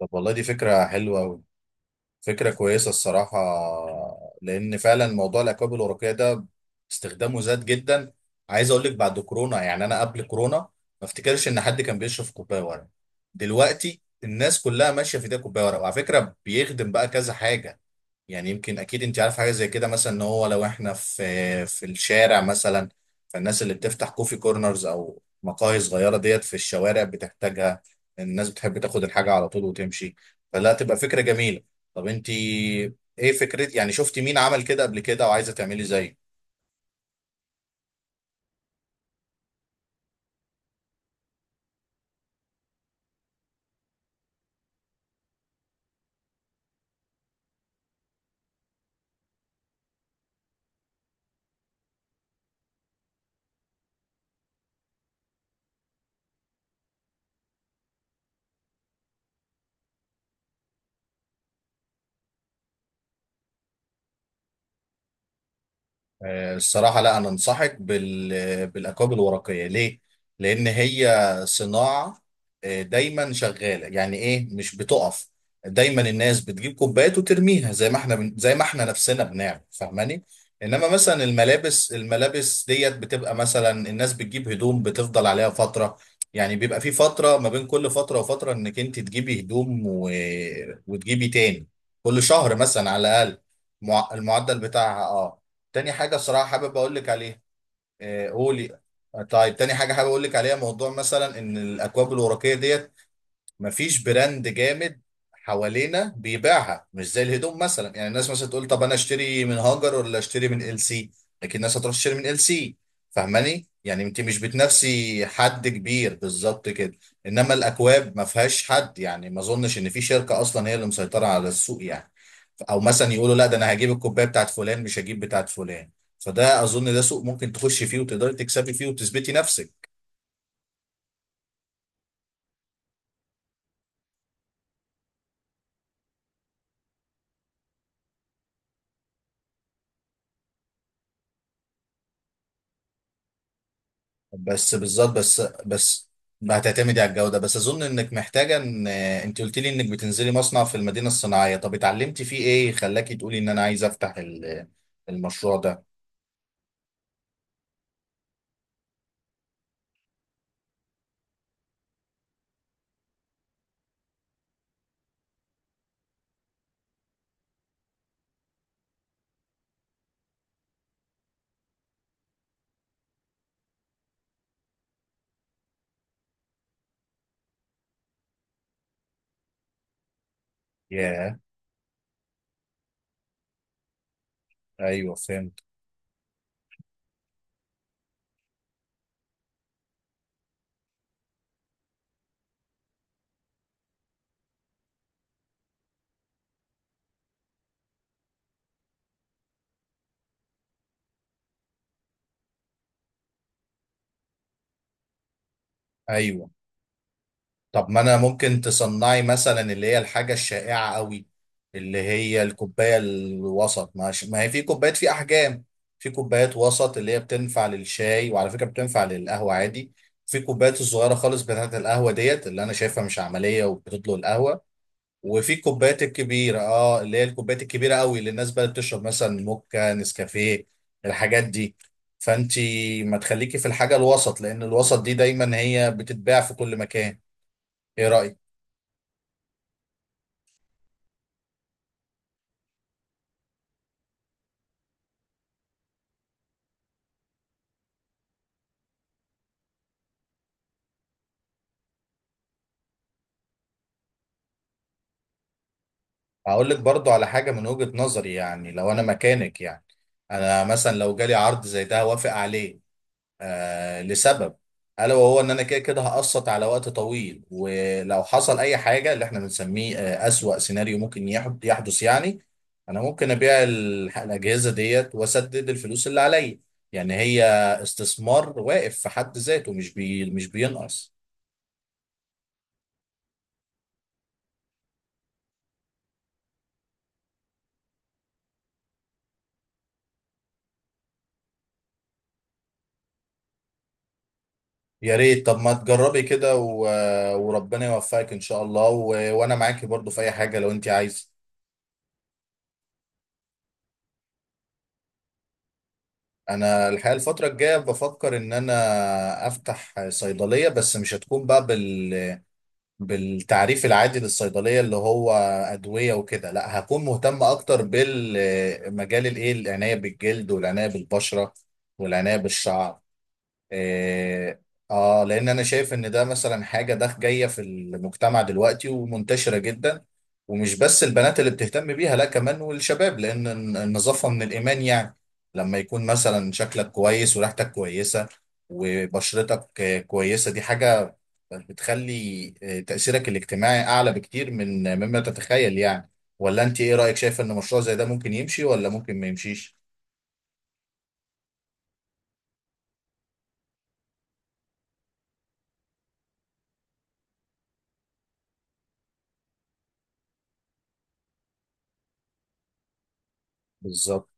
طب والله دي فكرة حلوة أوي. فكرة كويسة الصراحة، لأن فعلا موضوع الأكواب الورقية ده استخدامه زاد جدا. عايز أقول لك بعد كورونا، يعني أنا قبل كورونا ما افتكرش إن حد كان بيشرب كوباية ورق. دلوقتي الناس كلها ماشية في ده، كوباية ورق، وعلى فكرة بيخدم بقى كذا حاجة. يعني يمكن اكيد انت عارف حاجه زي كده، مثلا ان هو لو احنا في الشارع مثلا، فالناس اللي بتفتح كوفي كورنرز او مقاهي صغيره ديت في الشوارع بتحتاجها. الناس بتحب تاخد الحاجه على طول وتمشي، فلا تبقى فكره جميله. طب انت ايه فكرة، يعني شفتي مين عمل كده قبل كده وعايزه تعملي زيه؟ الصراحة لا، أنا أنصحك بالأكواب الورقية. ليه؟ لأن هي صناعة، دايما شغالة، يعني إيه، مش بتقف. دايما الناس بتجيب كوبايات وترميها زي ما زي ما إحنا نفسنا بنعمل، فاهماني؟ إنما مثلا الملابس، ديت بتبقى مثلا الناس بتجيب هدوم بتفضل عليها فترة. يعني بيبقى في فترة ما بين كل فترة وفترة إنك أنت تجيبي هدوم و... وتجيبي تاني، كل شهر مثلا على الأقل. المعدل بتاعها، اه. تاني حاجة صراحة حابب أقول لك عليها. قولي. طيب، تاني حاجة حابب أقول لك عليها، موضوع مثلا إن الأكواب الورقية ديت مفيش براند جامد حوالينا بيبيعها، مش زي الهدوم مثلا. يعني الناس مثلا تقول طب أنا أشتري من هاجر ولا أشتري من ال سي، لكن الناس هتروح تشتري من ال سي. فاهماني؟ يعني أنت مش بتنافسي حد كبير بالظبط كده. إنما الأكواب ما فيهاش حد، يعني ما أظنش إن في شركة أصلا هي اللي مسيطرة على السوق يعني، او مثلا يقولوا لا ده انا هجيب الكوبايه بتاعت فلان مش هجيب بتاعت فلان. فده اظن ده سوق ممكن تخش فيه وتقدري تكسبي فيه وتثبتي نفسك. بس بالظبط. بس ما هتعتمدي على الجوده بس، اظن انك محتاجه، ان انت قلت لي انك بتنزلي مصنع في المدينه الصناعيه، طب اتعلمتي فيه ايه خلاكي تقولي ان انا عايزه افتح المشروع ده؟ ياه. ايوه فهمت. ايوه، طب ما انا ممكن تصنعي مثلا اللي هي الحاجه الشائعه قوي، اللي هي الكوبايه الوسط. ما هي في كوبايات، في احجام. في كوبايات وسط اللي هي بتنفع للشاي، وعلى فكره بتنفع للقهوه عادي. في كوبايات الصغيره خالص بتاعت القهوه ديت، اللي انا شايفها مش عمليه وبتطلق القهوه. وفي الكوبايات الكبيره، اه، اللي هي الكوبايات الكبيره قوي، اللي الناس بقى بتشرب مثلا موكا، نسكافيه، الحاجات دي. فانتي ما تخليكي في الحاجه الوسط، لان الوسط دي دايما هي بتتباع في كل مكان. ايه رايك؟ هقول لك برضو على حاجة من وجهة نظري، يعني لو أنا مكانك، يعني أنا مثلا لو جالي عرض زي ده هوافق عليه. لسبب، ألا وهو إن أنا كده كده هقسط على وقت طويل، ولو حصل أي حاجة اللي إحنا بنسميه أسوأ سيناريو ممكن يحدث، يعني أنا ممكن أبيع الأجهزة ديت وأسدد الفلوس اللي عليا. يعني هي استثمار واقف في حد ذاته، مش بينقص. يا ريت، طب ما تجربي كده و... وربنا يوفقك ان شاء الله، و... وانا معاكي برضو في اي حاجه لو انت عايزه. انا الحقيقه الفتره الجايه بفكر ان انا افتح صيدليه، بس مش هتكون بقى بالتعريف العادي للصيدليه، اللي هو ادويه وكده. لا، هكون مهتم اكتر بالمجال، الايه، العنايه بالجلد والعنايه بالبشره والعنايه بالشعر. إيه، اه، لان انا شايف ان ده مثلا حاجه ده جايه في المجتمع دلوقتي ومنتشره جدا. ومش بس البنات اللي بتهتم بيها، لا، كمان والشباب، لان النظافه من الايمان يعني. لما يكون مثلا شكلك كويس وريحتك كويسه وبشرتك كويسه، دي حاجه بتخلي تاثيرك الاجتماعي اعلى بكتير من مما تتخيل يعني. ولا انت ايه رايك؟ شايف ان مشروع زي ده ممكن يمشي ولا ممكن ما يمشيش؟ بالظبط.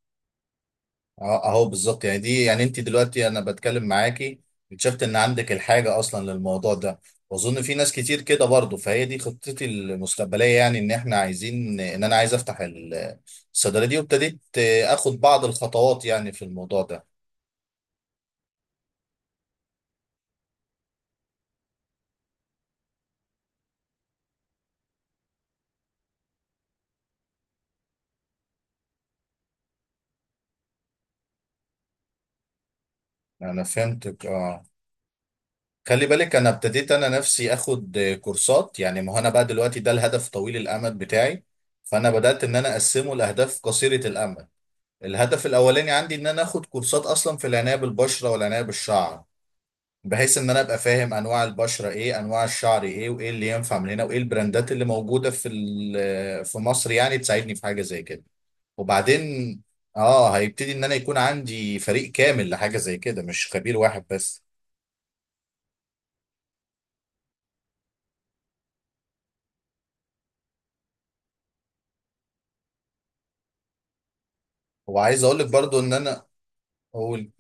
اهو بالظبط. يعني دي، يعني انت دلوقتي انا بتكلم معاكي اكتشفت ان عندك الحاجه اصلا للموضوع ده، واظن في ناس كتير كده برضه. فهي دي خطتي المستقبليه، يعني ان احنا عايزين، ان انا عايز افتح الصيدليه دي، وابتديت اخد بعض الخطوات يعني في الموضوع ده. انا فهمتك، اه. خلي بالك، انا ابتديت انا نفسي اخد كورسات، يعني ما هو انا بقى دلوقتي ده الهدف طويل الامد بتاعي، فانا بدات ان انا اقسمه لاهداف قصيره الامد. الهدف الاولاني عندي ان انا اخد كورسات اصلا في العنايه بالبشره والعنايه بالشعر، بحيث ان انا ابقى فاهم انواع البشره ايه، انواع الشعر ايه، وايه اللي ينفع من هنا، وايه البراندات اللي موجوده في في مصر، يعني تساعدني في حاجه زي كده. وبعدين، اه، هيبتدي ان انا يكون عندي فريق كامل لحاجه زي كده، مش خبير واحد بس. وعايز اقول لك برضو ان انا اقول.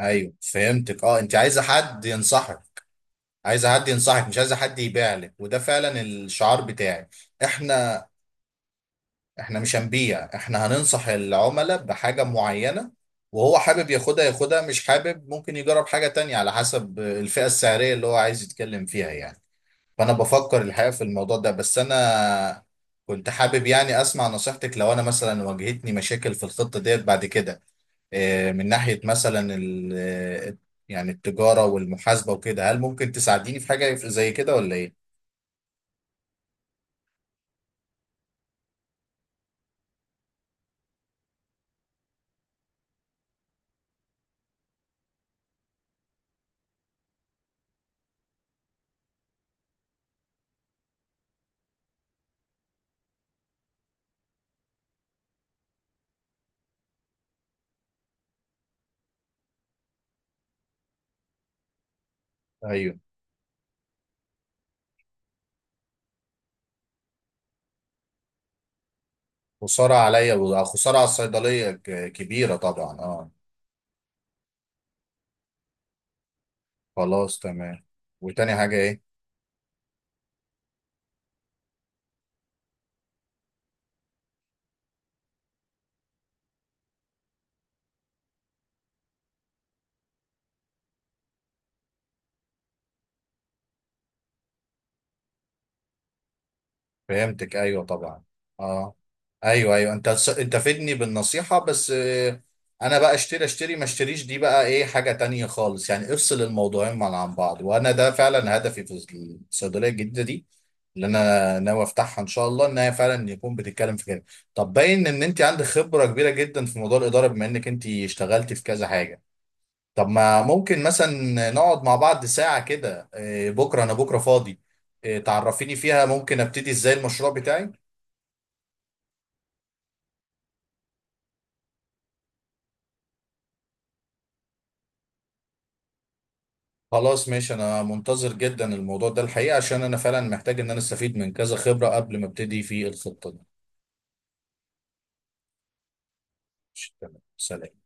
ايوه فهمتك، اه، انت عايزه حد ينصحك. عايزه حد ينصحك، مش عايزه حد يبيع لك، وده فعلا الشعار بتاعي. احنا احنا مش هنبيع، احنا هننصح العملاء بحاجة معينة، وهو حابب ياخدها ياخدها، مش حابب ممكن يجرب حاجة تانية على حسب الفئة السعرية اللي هو عايز يتكلم فيها يعني. فأنا بفكر الحقيقة في الموضوع ده، بس أنا كنت حابب يعني أسمع نصيحتك لو أنا مثلا واجهتني مشاكل في الخطة ديت بعد كده، اه، من ناحية مثلا اه، يعني التجارة والمحاسبة وكده. هل ممكن تساعديني في حاجة زي كده ولا إيه؟ أيوه. خسارة عليا وخسارة على الصيدلية كبيرة طبعا، اه. خلاص تمام. وتاني حاجة ايه؟ فهمتك، ايوه طبعا، اه. ايوه انت انت فدني بالنصيحة، بس انا بقى اشتري اشتري ما اشتريش دي بقى ايه حاجة تانية خالص، يعني افصل الموضوعين عن بعض. وانا ده فعلا هدفي في الصيدلية الجديدة دي، اللي انا ناوي افتحها ان شاء الله، ان هي فعلا يكون بتتكلم في كده. طب باين ان انت عندك خبرة كبيرة جدا في موضوع الإدارة، بما انك انت اشتغلتي في كذا حاجة. طب ما ممكن مثلا نقعد مع بعض ساعة كده، بكرة، أنا بكرة فاضي، تعرفيني فيها ممكن أبتدي إزاي المشروع بتاعي. خلاص ماشي، أنا منتظر جدا الموضوع ده الحقيقة، عشان أنا فعلا محتاج إن أنا أستفيد من كذا خبرة قبل ما أبتدي في الخطة دي. ماشي، تمام، سلام.